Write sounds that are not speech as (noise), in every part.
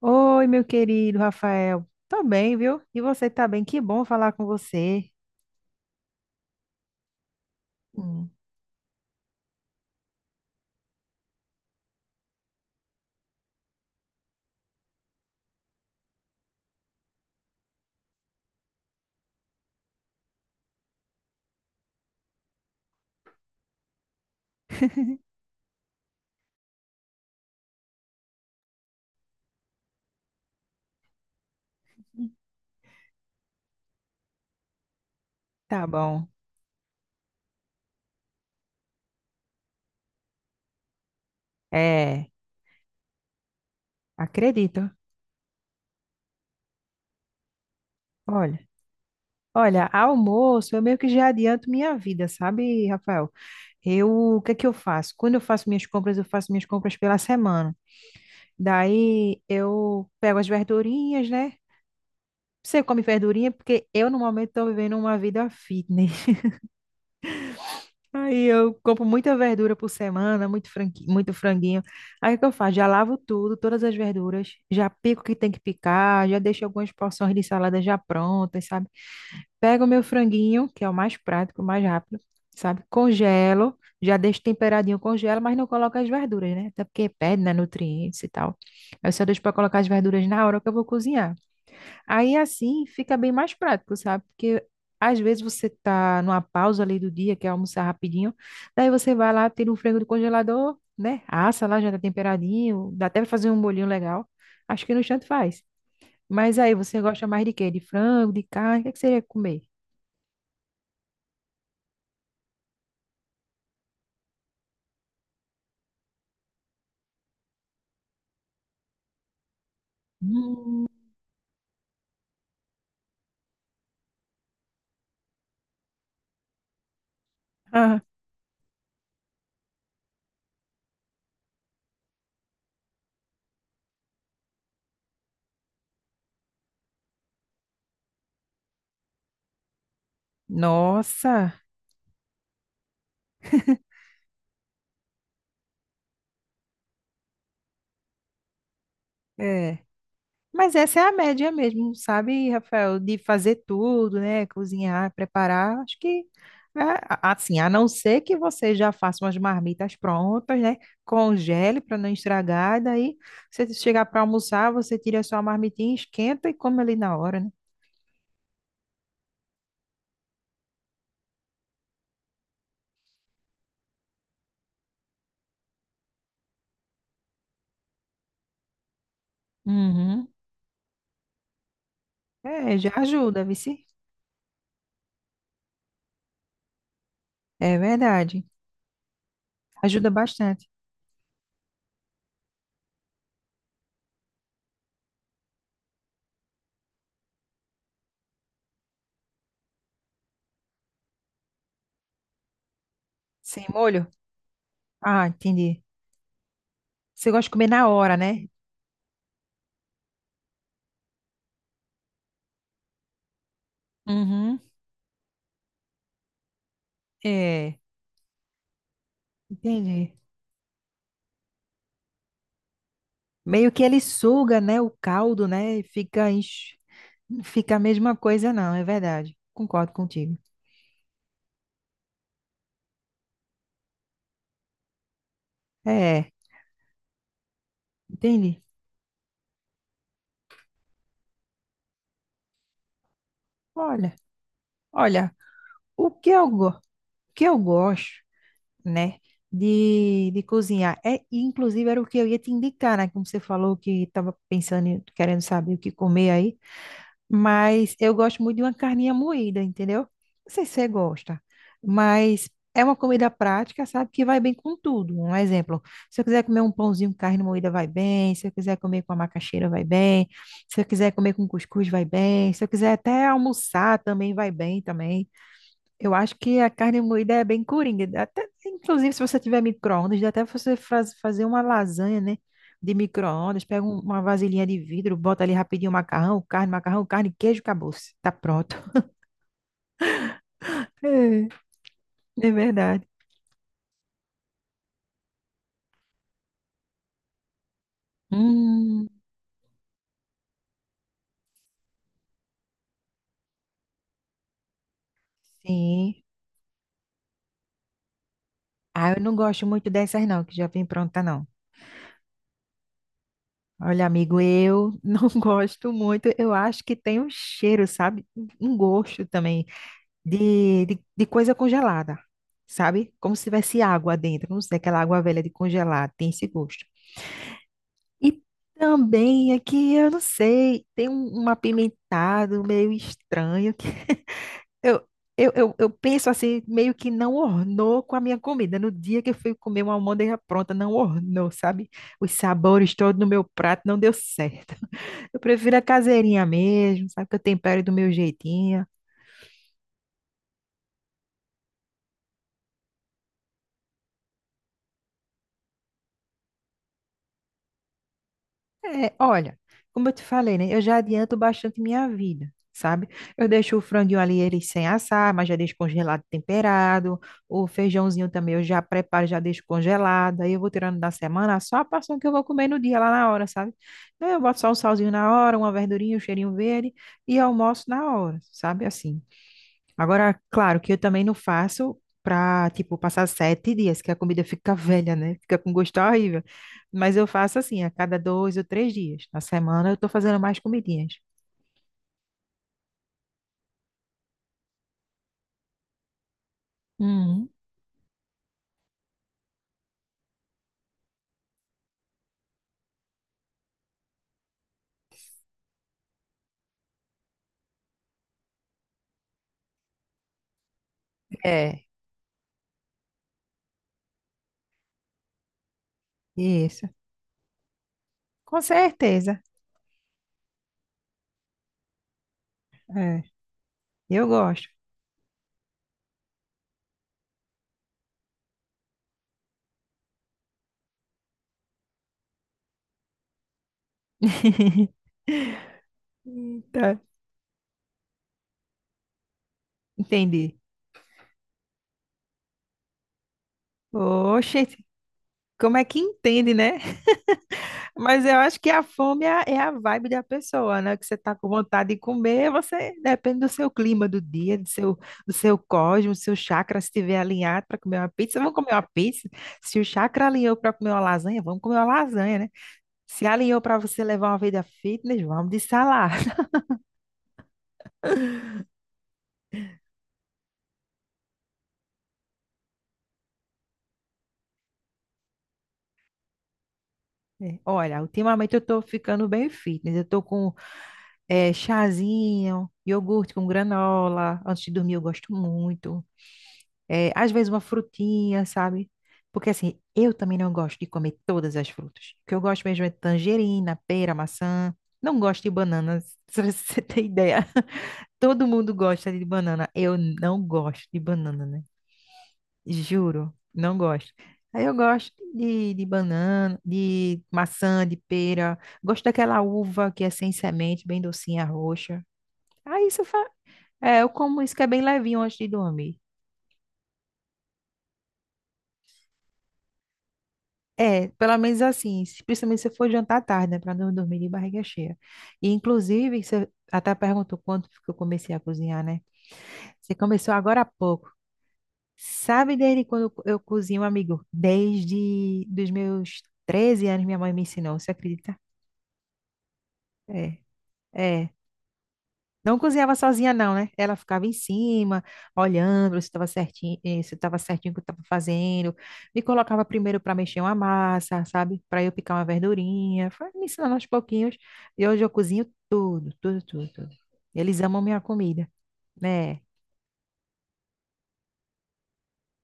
Oi, meu querido Rafael. Tô bem, viu? E você tá bem? Que bom falar com você. Hum, tá bom. É, acredito. Olha, olha, almoço, eu meio que já adianto minha vida, sabe, Rafael? Eu, o que é que eu faço? Quando eu faço minhas compras, eu faço minhas compras pela semana. Daí eu pego as verdurinhas, né? Você come verdurinha porque eu normalmente tô vivendo uma vida fitness. Aí eu compro muita verdura por semana, muito franguinho. Aí o que eu faço? Já lavo tudo, todas as verduras, já pico o que tem que picar, já deixo algumas porções de salada já prontas, sabe? Pego o meu franguinho, que é o mais prático, o mais rápido, sabe? Congelo, já deixo temperadinho, congelo, mas não coloco as verduras, né? Até porque perde, né, nutrientes e tal. Aí eu só deixo para colocar as verduras na hora que eu vou cozinhar. Aí assim fica bem mais prático, sabe? Porque às vezes você tá numa pausa ali do dia, quer almoçar rapidinho, daí você vai lá, tira um frango do congelador, né? Assa lá, já tá temperadinho, dá até pra fazer um bolinho legal. Acho que no instante faz. Mas aí você gosta mais de quê? De frango, de carne? O que é que você ia comer? Hum. Ah, nossa! É. Mas essa é a média mesmo, sabe, Rafael? De fazer tudo, né? Cozinhar, preparar. Acho que, assim, a não ser que você já faça umas marmitas prontas, né? Congele para não estragar, e daí você chegar para almoçar, você tira a sua marmitinha, esquenta e come ali na hora, né? Uhum. É, já ajuda, vice. É verdade. Ajuda bastante. Sem molho? Ah, entendi. Você gosta de comer na hora, né? Uhum. É, entendi. Meio que ele suga, né, o caldo, né, e fica, não fica a mesma coisa, não, é verdade. Concordo contigo. É, entendi. Olha, olha, o que eu gosto, né, de cozinhar, é, inclusive era o que eu ia te indicar, né, como você falou que estava pensando, em- querendo saber o que comer aí. Mas eu gosto muito de uma carninha moída, entendeu? Não sei se você gosta, mas é uma comida prática, sabe? Que vai bem com tudo. Um exemplo, se eu quiser comer um pãozinho com carne moída, vai bem. Se eu quiser comer com a macaxeira, vai bem. Se eu quiser comer com cuscuz, vai bem. Se eu quiser até almoçar, também vai bem também. Eu acho que a carne moída é bem coringa. Até, inclusive, se você tiver micro-ondas, dá até você fazer uma lasanha, né? De micro-ondas, pega uma vasilhinha de vidro, bota ali rapidinho macarrão, carne, queijo, acabou-se. Tá pronto. (laughs) É, é verdade. Hum, sim. Ah, eu não gosto muito dessas, não, que já vem pronta, não. Olha, amigo, eu (laughs) não gosto muito. Eu acho que tem um cheiro, sabe? Um gosto também, de coisa congelada, sabe? Como se tivesse água dentro, não sei, aquela água velha de congelar, tem esse gosto. E também aqui, eu não sei, tem um apimentado meio estranho que (laughs) eu, eu penso assim, meio que não ornou com a minha comida. No dia que eu fui comer uma almôndega pronta, não ornou, sabe? Os sabores todos no meu prato não deu certo. (laughs) Eu prefiro a caseirinha mesmo, sabe? Que eu tempero do meu jeitinho. É, olha, como eu te falei, né? Eu já adianto bastante minha vida, sabe? Eu deixo o franguinho ali ele sem assar, mas já deixo congelado, temperado. O feijãozinho também eu já preparo, já deixo congelado. Aí eu vou tirando da semana só a porção que eu vou comer no dia lá na hora, sabe? Aí eu boto só um salzinho na hora, uma verdurinha, um cheirinho verde e almoço na hora, sabe? Assim. Agora, claro que eu também não faço pra, tipo, passar 7 dias, que a comida fica (laughs) velha, né? Fica com gosto horrível. Mas eu faço assim, a cada 2 ou 3 dias. Na semana eu tô fazendo mais comidinhas. Hum. É, isso. Com certeza. É, eu gosto. Eita, entendi. Oxe, como é que entende, né? Mas eu acho que a fome é a vibe da pessoa, né? Que você tá com vontade de comer, você depende do seu clima do dia, do seu cosmos, do seu chakra, se estiver alinhado para comer uma pizza, vamos comer uma pizza. Se o chakra alinhou para comer uma lasanha, vamos comer uma lasanha, né? Se alinhou para você levar uma vida fitness, vamos de salada. (laughs) É, olha, ultimamente eu tô ficando bem fitness. Eu tô com chazinho, iogurte com granola. Antes de dormir eu gosto muito. É, às vezes uma frutinha, sabe? Porque assim, eu também não gosto de comer todas as frutas. O que eu gosto mesmo é tangerina, pera, maçã. Não gosto de banana, (laughs) se você tem ideia. (laughs) Todo mundo gosta de banana. Eu não gosto de banana, né? Juro, não gosto. Aí eu gosto de banana, de maçã, de pera. Gosto daquela uva que é sem semente, bem docinha, roxa. Aí isso fa... é, eu como isso que é bem levinho antes de dormir. É, pelo menos assim, principalmente se for jantar tarde, né, para não dormir de barriga cheia. E inclusive, você até perguntou quanto que eu comecei a cozinhar, né? Você começou agora há pouco. Sabe desde quando eu cozinho, amigo? Desde dos meus 13 anos minha mãe me ensinou, você acredita? É. É, não cozinhava sozinha, não, né? Ela ficava em cima, olhando se estava certinho, se estava certinho o que eu estava fazendo. Me colocava primeiro para mexer uma massa, sabe? Para eu picar uma verdurinha. Foi me ensinando aos pouquinhos. E hoje eu cozinho tudo, tudo, tudo, tudo. Eles amam minha comida, né?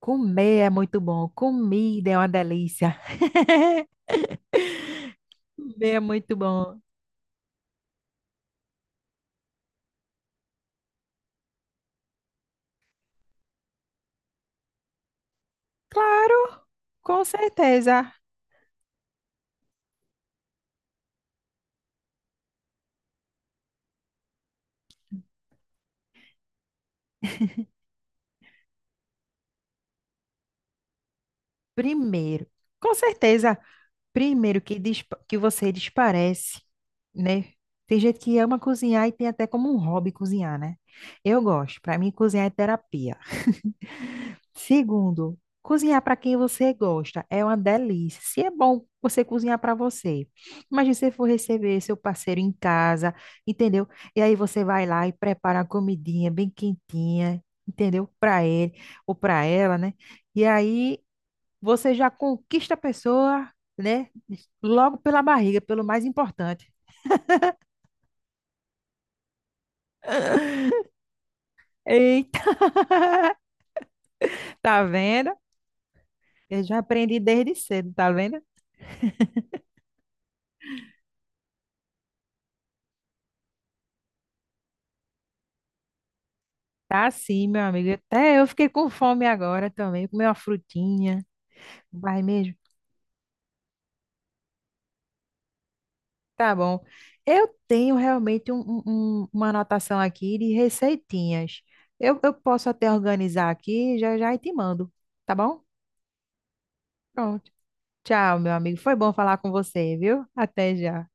Comer é muito bom. Comida é uma delícia. (laughs) Comer é muito bom. Claro, com certeza. Primeiro, com certeza, primeiro que, que você desparece, né? Tem gente que ama cozinhar e tem até como um hobby cozinhar, né? Eu gosto, para mim cozinhar é terapia. Segundo, cozinhar para quem você gosta é uma delícia. Se é bom você cozinhar para você, imagina se você for receber seu parceiro em casa, entendeu? E aí você vai lá e prepara uma comidinha bem quentinha, entendeu? Para ele ou para ela, né? E aí você já conquista a pessoa, né? Logo pela barriga, pelo mais importante. Eita! (laughs) Tá vendo? Eu já aprendi desde cedo, tá vendo? Tá assim, meu amigo. Até eu fiquei com fome agora também. Comer uma frutinha. Vai mesmo? Tá bom. Eu tenho realmente uma anotação aqui de receitinhas. Eu posso até organizar aqui, já já e te mando. Tá bom? Pronto. Tchau, meu amigo. Foi bom falar com você, viu? Até já.